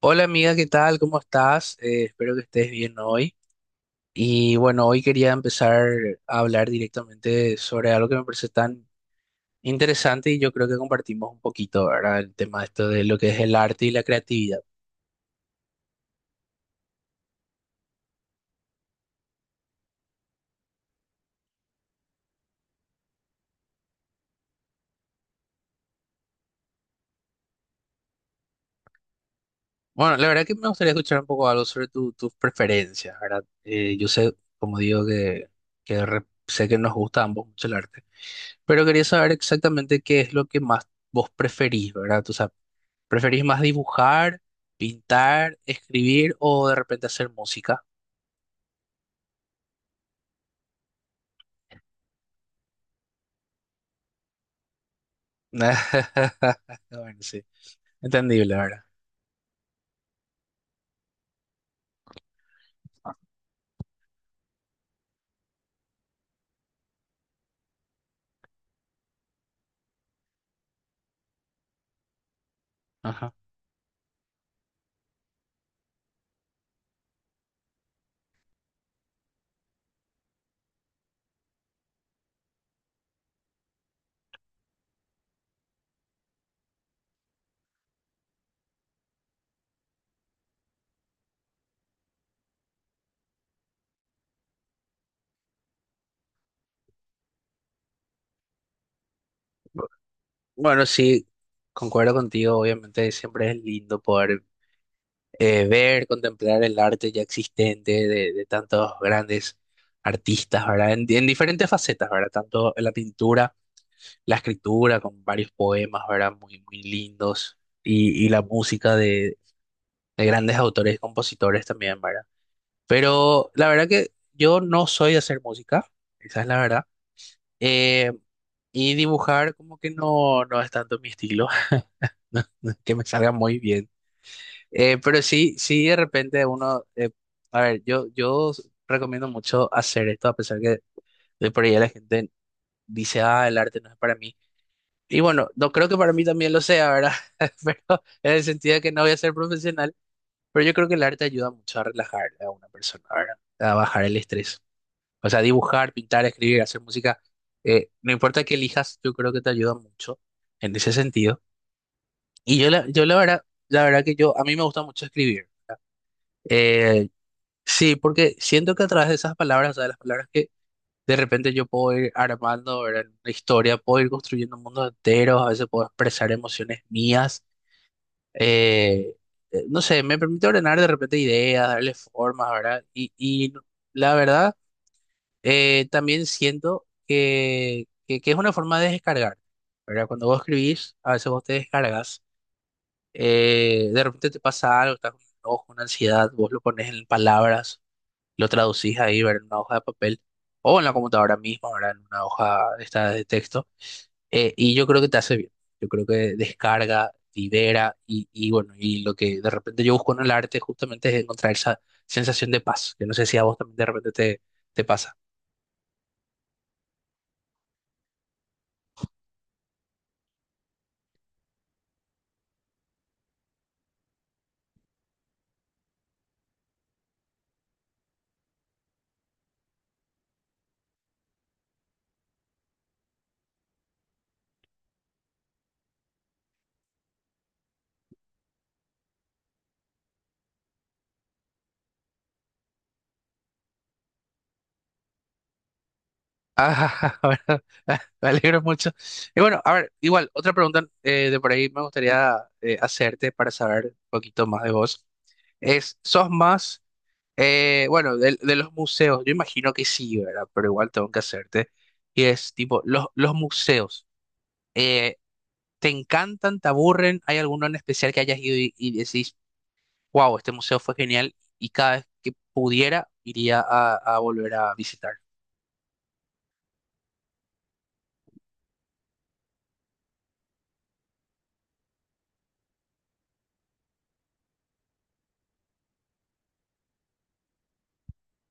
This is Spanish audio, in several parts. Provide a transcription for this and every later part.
Hola amiga, ¿qué tal? ¿Cómo estás? Espero que estés bien hoy. Y bueno, hoy quería empezar a hablar directamente sobre algo que me parece tan interesante y yo creo que compartimos un poquito, ¿verdad? El tema esto de lo que es el arte y la creatividad. Bueno, la verdad que me gustaría escuchar un poco algo sobre tus preferencias, ¿verdad? Yo sé, como digo, que sé que nos gusta a ambos mucho el arte, pero quería saber exactamente qué es lo que más vos preferís, ¿verdad? ¿Preferís más dibujar, pintar, escribir o de repente hacer música? Bueno, sí, entendible, ¿verdad? Ajá. Bu- Bueno, sí, concuerdo contigo, obviamente siempre es lindo poder ver, contemplar el arte ya existente de tantos grandes artistas, ¿verdad? En diferentes facetas, ¿verdad? Tanto en la pintura, la escritura, con varios poemas, ¿verdad? Muy, muy lindos, y la música de grandes autores y compositores también, ¿verdad? Pero la verdad que yo no soy de hacer música, esa es la verdad. Eh, y dibujar como que no, no es tanto mi estilo, no es que me salga muy bien. Pero sí, sí de repente uno, a ver, yo recomiendo mucho hacer esto, a pesar que de por ahí la gente dice, ah, el arte no es para mí. Y bueno, no creo que para mí también lo sea, ¿verdad? Pero en el sentido de que no voy a ser profesional, pero yo creo que el arte ayuda mucho a relajar a una persona, ¿verdad? A bajar el estrés. O sea, dibujar, pintar, escribir, hacer música, no importa qué elijas, yo creo que te ayuda mucho en ese sentido. Y yo la verdad que yo, a mí me gusta mucho escribir. Eh, sí, porque siento que a través de esas palabras, o sea, de las palabras que de repente yo puedo ir armando, ¿verdad? Una historia, puedo ir construyendo mundos enteros, a veces puedo expresar emociones mías. eh, no sé, me permite ordenar de repente ideas, darle formas, ¿verdad? Y la verdad... También siento que es una forma de descargar, ¿verdad? Cuando vos escribís, a veces vos te descargas, de repente te pasa algo, estás con un enojo, una ansiedad, vos lo pones en palabras, lo traducís ahí, ¿verdad? En una hoja de papel o en la computadora misma, ¿verdad? En una hoja esta de texto. Y yo creo que te hace bien, yo creo que descarga, libera y bueno, y lo que de repente yo busco en el arte justamente es encontrar esa sensación de paz, que no sé si a vos también te pasa. Ah, bueno, me alegro mucho. Y bueno, a ver, igual, otra pregunta de por ahí me gustaría hacerte para saber un poquito más de vos. Es, ¿sos más, bueno, de los museos? Yo imagino que sí, ¿verdad? Pero igual tengo que hacerte. Y es tipo, los museos, eh, ¿te encantan, te aburren? ¿Hay alguno en especial que hayas ido y decís, wow, este museo fue genial y cada vez que pudiera iría a volver a visitar?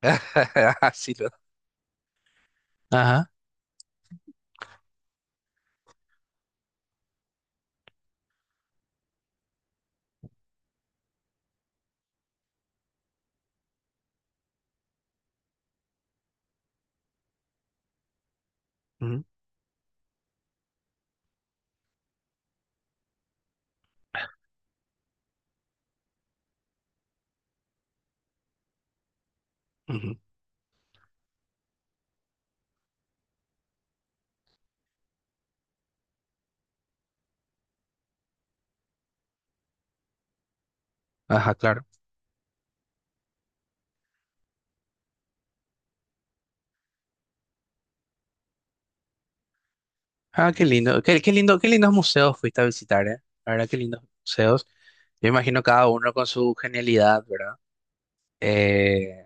Así lo. Ajá. Ujú, ujú. Ajá, claro. Ah, qué lindo. Qué, qué lindo, qué lindos museos fuiste a visitar, ¿eh? La verdad, qué lindos museos. Yo imagino cada uno con su genialidad, ¿verdad? Eh,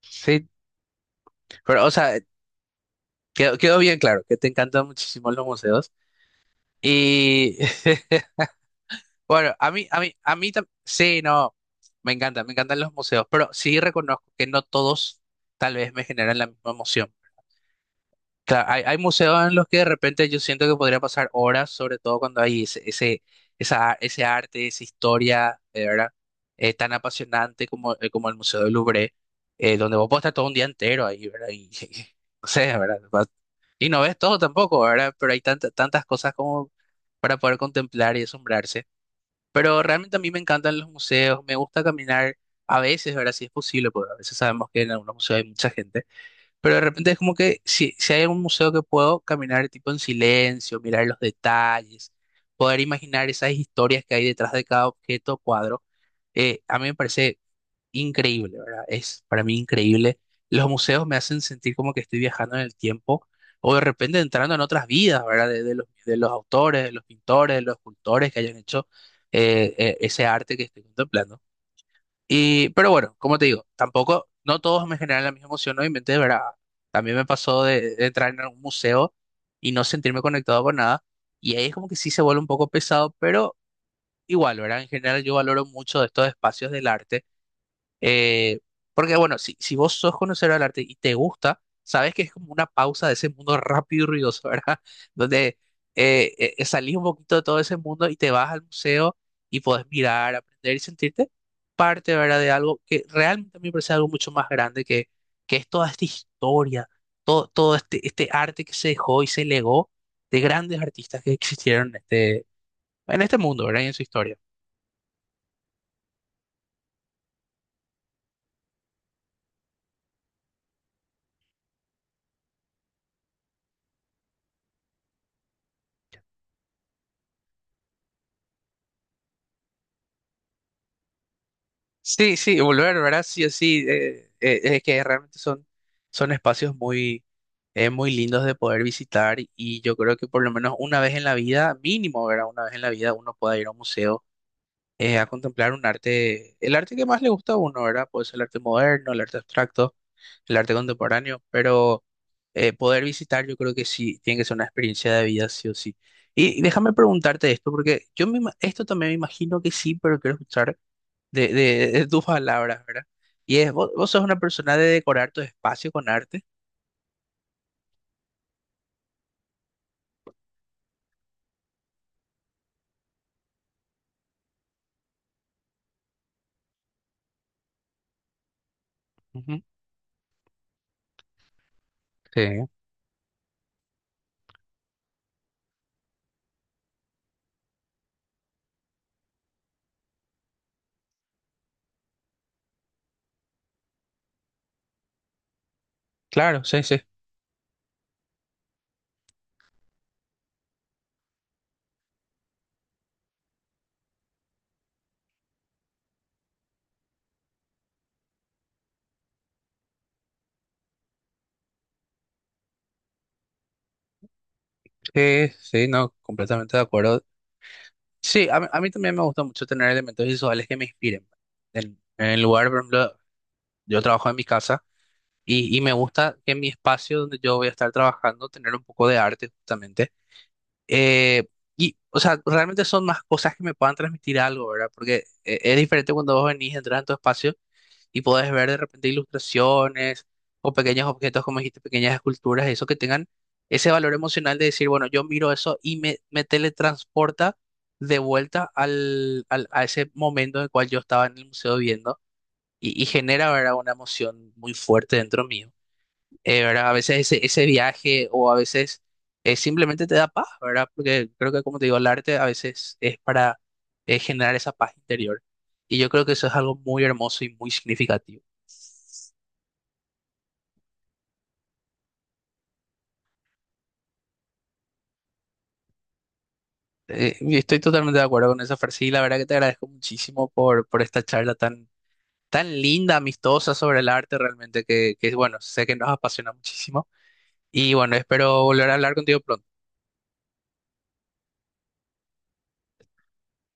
sí, pero, o sea, quedó bien claro que te encantan muchísimo los museos. Y, bueno, a mí también, sí, no, me encantan los museos, pero sí reconozco que no todos tal vez me generan la misma emoción. Claro, hay museos en los que de repente yo siento que podría pasar horas, sobre todo cuando hay ese arte, esa historia, ¿verdad? Tan apasionante como el Museo del Louvre, donde vos podés estar todo un día entero ahí, ¿verdad? Y, no sé, ¿verdad? Y no ves todo tampoco, ¿verdad? Pero hay tantas cosas como para poder contemplar y asombrarse. Pero realmente a mí me encantan los museos, me gusta caminar a veces, ¿verdad? Si es posible, porque a veces sabemos que en algunos museos hay mucha gente. Pero de repente es como que si hay un museo que puedo caminar tipo en silencio, mirar los detalles, poder imaginar esas historias que hay detrás de cada objeto o cuadro, a mí me parece increíble, ¿verdad? Es para mí increíble. Los museos me hacen sentir como que estoy viajando en el tiempo o de repente entrando en otras vidas, ¿verdad? De los autores, de los pintores, de los escultores que hayan hecho ese arte que estoy contemplando. Y, pero bueno, como te digo, tampoco, no todos me generan la misma emoción, obviamente, de verdad. También me pasó de entrar en algún museo y no sentirme conectado con nada. Y ahí es como que sí se vuelve un poco pesado, pero igual, ¿verdad? En general yo valoro mucho estos espacios del arte eh, porque bueno, si vos sos conocedor del arte y te gusta, sabes que es como una pausa de ese mundo rápido y ruidoso, ¿verdad? Donde salís un poquito de todo ese mundo y te vas al museo y podés mirar, aprender y sentirte parte, ¿verdad? De algo que realmente a mí me parece algo mucho más grande que es toda esta historia, todo, todo este arte que se dejó y se legó de grandes artistas que existieron en este mundo, ¿verdad? Y en su historia. Sí, sí, volver, ¿verdad? Sí, sí, es que realmente son, son espacios muy, muy lindos de poder visitar y yo creo que por lo menos una vez en la vida, mínimo, ¿verdad? Una vez en la vida uno pueda ir a un museo a contemplar un arte, el arte que más le gusta a uno, ¿verdad? Puede ser el arte moderno, el arte abstracto, el arte contemporáneo, pero poder visitar yo creo que sí, tiene que ser una experiencia de vida, sí o sí. Y déjame preguntarte esto, porque esto también me imagino que sí, pero quiero escuchar de tus palabras, ¿verdad? Y es, vos sos una persona de decorar tu espacio con arte. Ujú. Sí, claro, sí, no, completamente de acuerdo. Sí, a mí también me gusta mucho tener elementos visuales que me inspiren. Pues, en el lugar, por ejemplo, yo trabajo en mi casa y me gusta que en mi espacio donde yo voy a estar trabajando tener un poco de arte justamente. Eh, y, o sea, realmente son más cosas que me puedan transmitir algo, ¿verdad? Porque es diferente cuando vos venís, entras en tu espacio. Y podés ver de repente ilustraciones o pequeños objetos, como dijiste, pequeñas esculturas, eso que tengan ese valor emocional de decir, bueno, yo miro eso y me teletransporta de vuelta a ese momento en el cual yo estaba en el museo viendo y genera, ¿verdad? Una emoción muy fuerte dentro mío. ¿Verdad? A veces ese viaje o a veces simplemente te da paz, ¿verdad? Porque creo que, como te digo, el arte a veces es para generar esa paz interior. Y yo creo que eso es algo muy hermoso y muy significativo. Y estoy totalmente de acuerdo con esa frase y la verdad que te agradezco muchísimo por esta charla tan, tan linda, amistosa sobre el arte realmente, que bueno, sé que nos apasiona muchísimo y bueno, espero volver a hablar contigo pronto.